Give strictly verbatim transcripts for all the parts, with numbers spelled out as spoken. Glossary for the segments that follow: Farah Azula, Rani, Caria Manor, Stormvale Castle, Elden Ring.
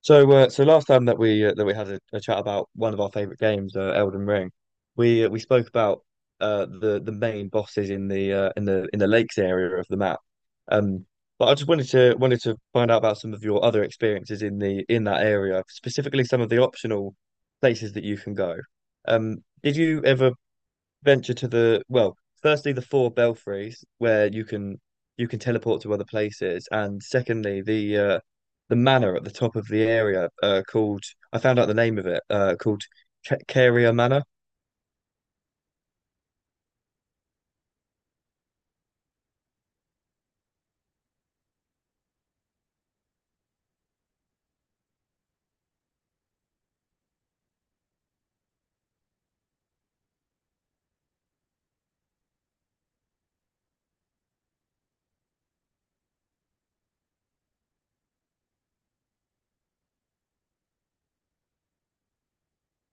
So, uh, so last time that we uh, that we had a, a chat about one of our favorite games, uh, Elden Ring, we uh, we spoke about uh, the the main bosses in the uh, in the in the lakes area of the map. Um, but I just wanted to wanted to find out about some of your other experiences in the in that area, specifically some of the optional places that you can go. Um, did you ever venture to the well, firstly the four belfries where you can you can teleport to other places, and secondly the uh, the manor at the top of the area uh, called I found out the name of it uh, called Ca- Caria Manor.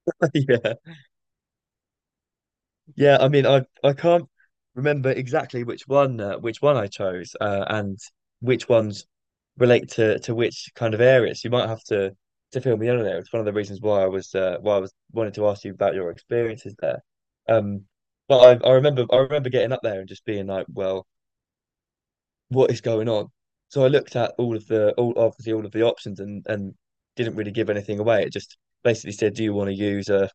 Yeah. Yeah, I mean, I I can't remember exactly which one uh, which one I chose, uh, and which ones relate to to which kind of areas. You might have to to fill me in on there. It's one of the reasons why I was uh, why I was wanted to ask you about your experiences there. Um, but I, I remember I remember getting up there and just being like, well, what is going on? So I looked at all of the all obviously all of the options and and didn't really give anything away. It just basically said, do you want to use a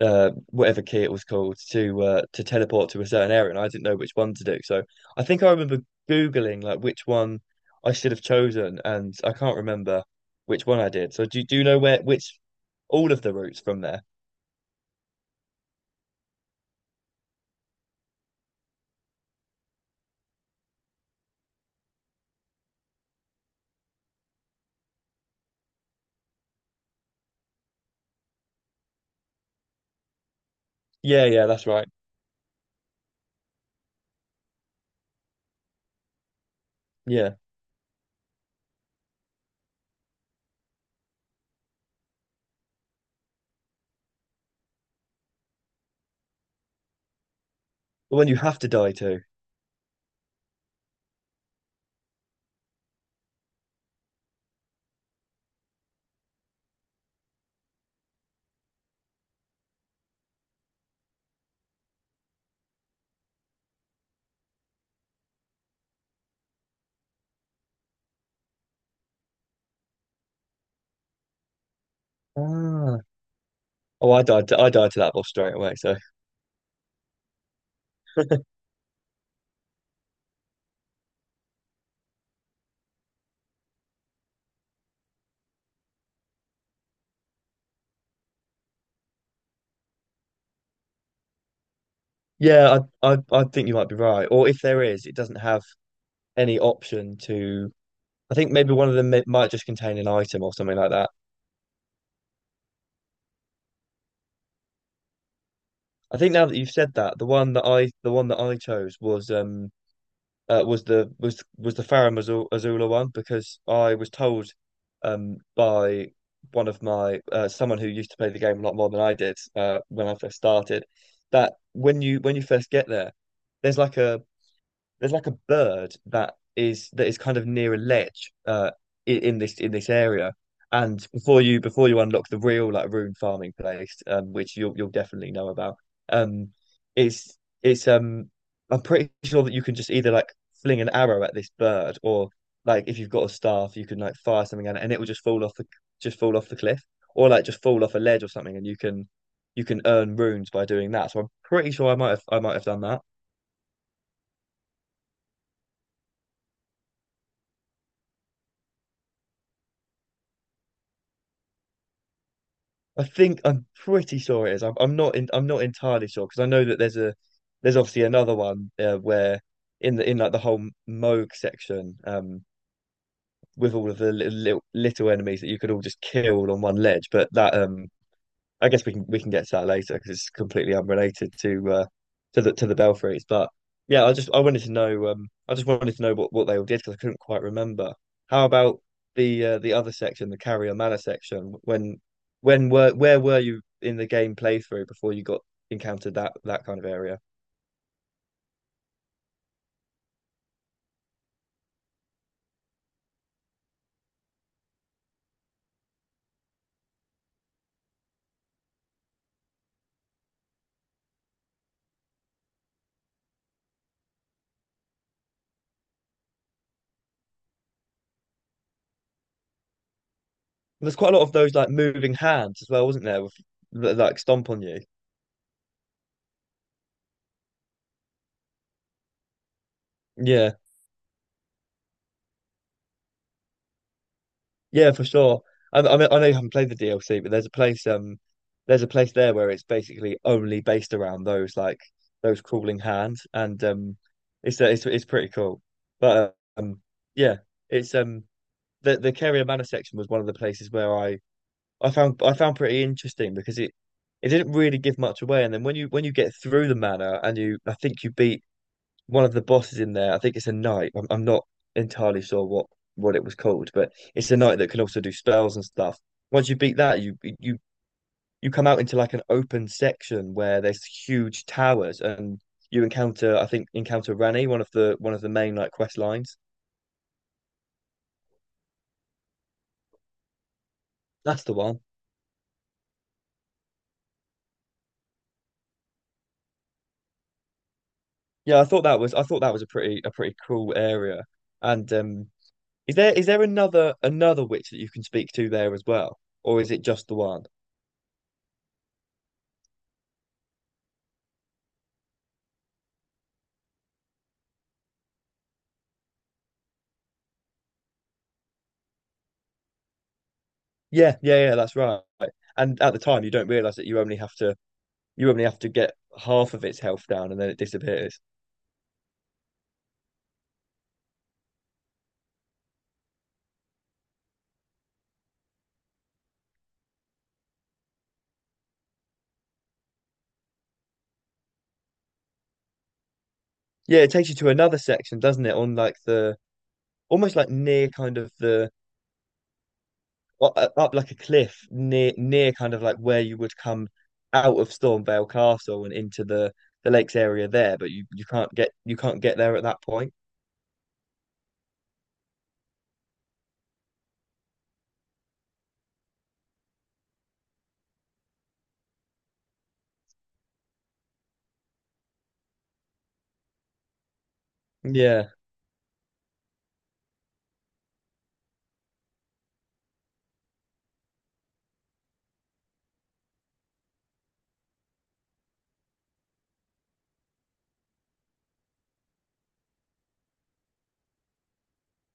uh, whatever key it was called to uh, to teleport to a certain area, and I didn't know which one to do. So I think I remember Googling like which one I should have chosen, and I can't remember which one I did. So do do you know where which all of the routes from there? Yeah, yeah, that's right. Yeah, the one you have to die to. Ah, oh, I died to I died to that boss straight away. So yeah, I I I think you might be right. Or if there is, it doesn't have any option to. I think maybe one of them may, might just contain an item or something like that. I think now that you've said that, the one that I the one that I chose was um uh, was the was was the Farah Azula Azula one because I was told um by one of my uh, someone who used to play the game a lot more than I did uh, when I first started that when you when you first get there, there's like a there's like a bird that is that is kind of near a ledge uh in, in this in this area. And before you before you unlock the real like rune farming place, um, which you'll you'll definitely know about, um, it's it's um I'm pretty sure that you can just either like fling an arrow at this bird or like if you've got a staff you can like fire something at it and it will just fall off the just fall off the cliff or like just fall off a ledge or something and you can you can earn runes by doing that. So I'm pretty sure I might have I might have done that. I think I'm pretty sure it is. I'm, I'm not in, I'm not entirely sure because I know that there's a there's obviously another one uh, where in the in like the whole Moog section um with all of the little, little enemies that you could all just kill on one ledge, but that um I guess we can we can get to that later because it's completely unrelated to uh to the to the Belfries. But yeah, I just I wanted to know um I just wanted to know what what they all did because I couldn't quite remember. How about the uh, the other section, the Carrier Manor section? When when were where were you in the game playthrough before you got encountered that that kind of area? There's quite a lot of those like moving hands as well, wasn't there? With, that like stomp on you. Yeah. Yeah, for sure. I, I mean, I know you haven't played the D L C, but there's a place, um, there's a place there where it's basically only based around those like those crawling hands, and um, it's uh, it's it's pretty cool. But um, yeah, it's um the the Carrier Manor section was one of the places where I I found I found pretty interesting because it it didn't really give much away, and then when you when you get through the manor and you I think you beat one of the bosses in there. I think it's a knight. I'm, I'm not entirely sure what what it was called, but it's a knight that can also do spells and stuff. Once you beat that, you you you come out into like an open section where there's huge towers, and you encounter I think encounter Rani, one of the one of the main like quest lines. That's the one. Yeah, I thought that was I thought that was a pretty a pretty cool area. And um, is there is there another another witch that you can speak to there as well, or is it just the one? Yeah, yeah, yeah, that's right. And at the time, you don't realize that you only have to you only have to get half of its health down, and then it disappears. Yeah, it takes you to another section, doesn't it? On like the almost like near kind of the u- u- up like a cliff near near kind of like where you would come out of Stormvale Castle and into the the lakes area there, but you you can't get you can't get there at that point. Yeah.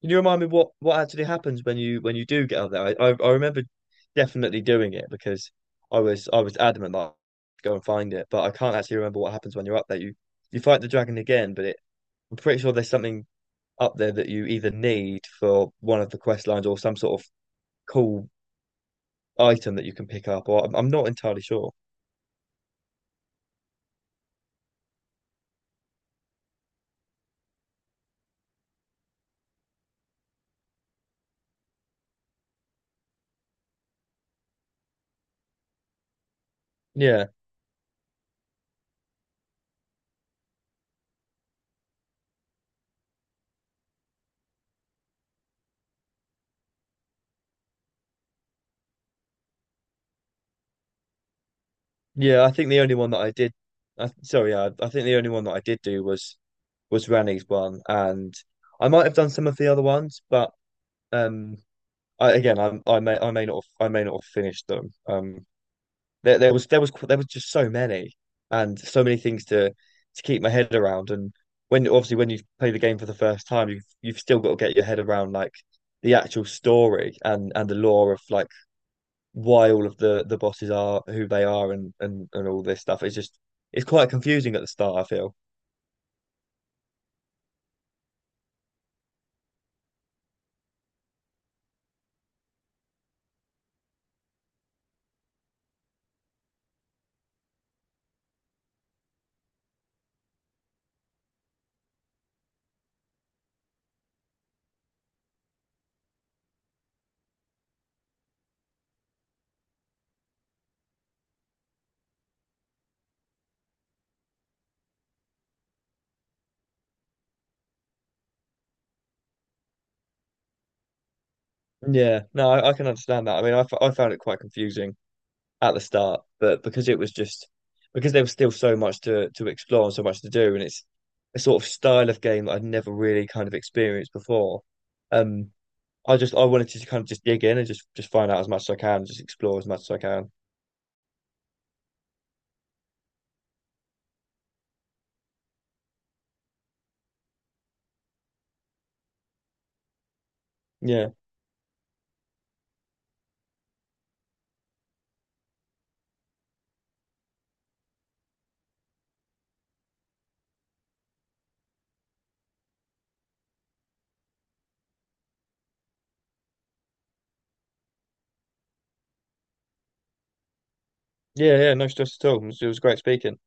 Can you remind me what what actually happens when you when you do get up there? I I, I remember definitely doing it because I was I was adamant that I'd go and find it, but I can't actually remember what happens when you're up there. You you fight the dragon again, but it, I'm pretty sure there's something up there that you either need for one of the quest lines or some sort of cool item that you can pick up, or I'm, I'm not entirely sure. Yeah, yeah. I think the only one that I did, I, sorry, yeah, I think the only one that I did do was was Rani's one, and I might have done some of the other ones, but. Um, I, again, I, I may I may not have, I may not have finished them. Um, there there was there was there was just so many and so many things to to keep my head around. And when obviously when you play the game for the first time, you've you've still got to get your head around like the actual story and and the lore of like why all of the the bosses are who they are and and and all this stuff. It's just it's quite confusing at the start, I feel. Yeah, no, I, I can understand that. I mean, I, f- I found it quite confusing at the start, but because it was just because there was still so much to to explore and so much to do, and it's a sort of style of game that I'd never really kind of experienced before. Um, I just I wanted to kind of just dig in and just just find out as much as I can, just explore as much as I can. Yeah, yeah, yeah. No stress at all. It was, it was great speaking.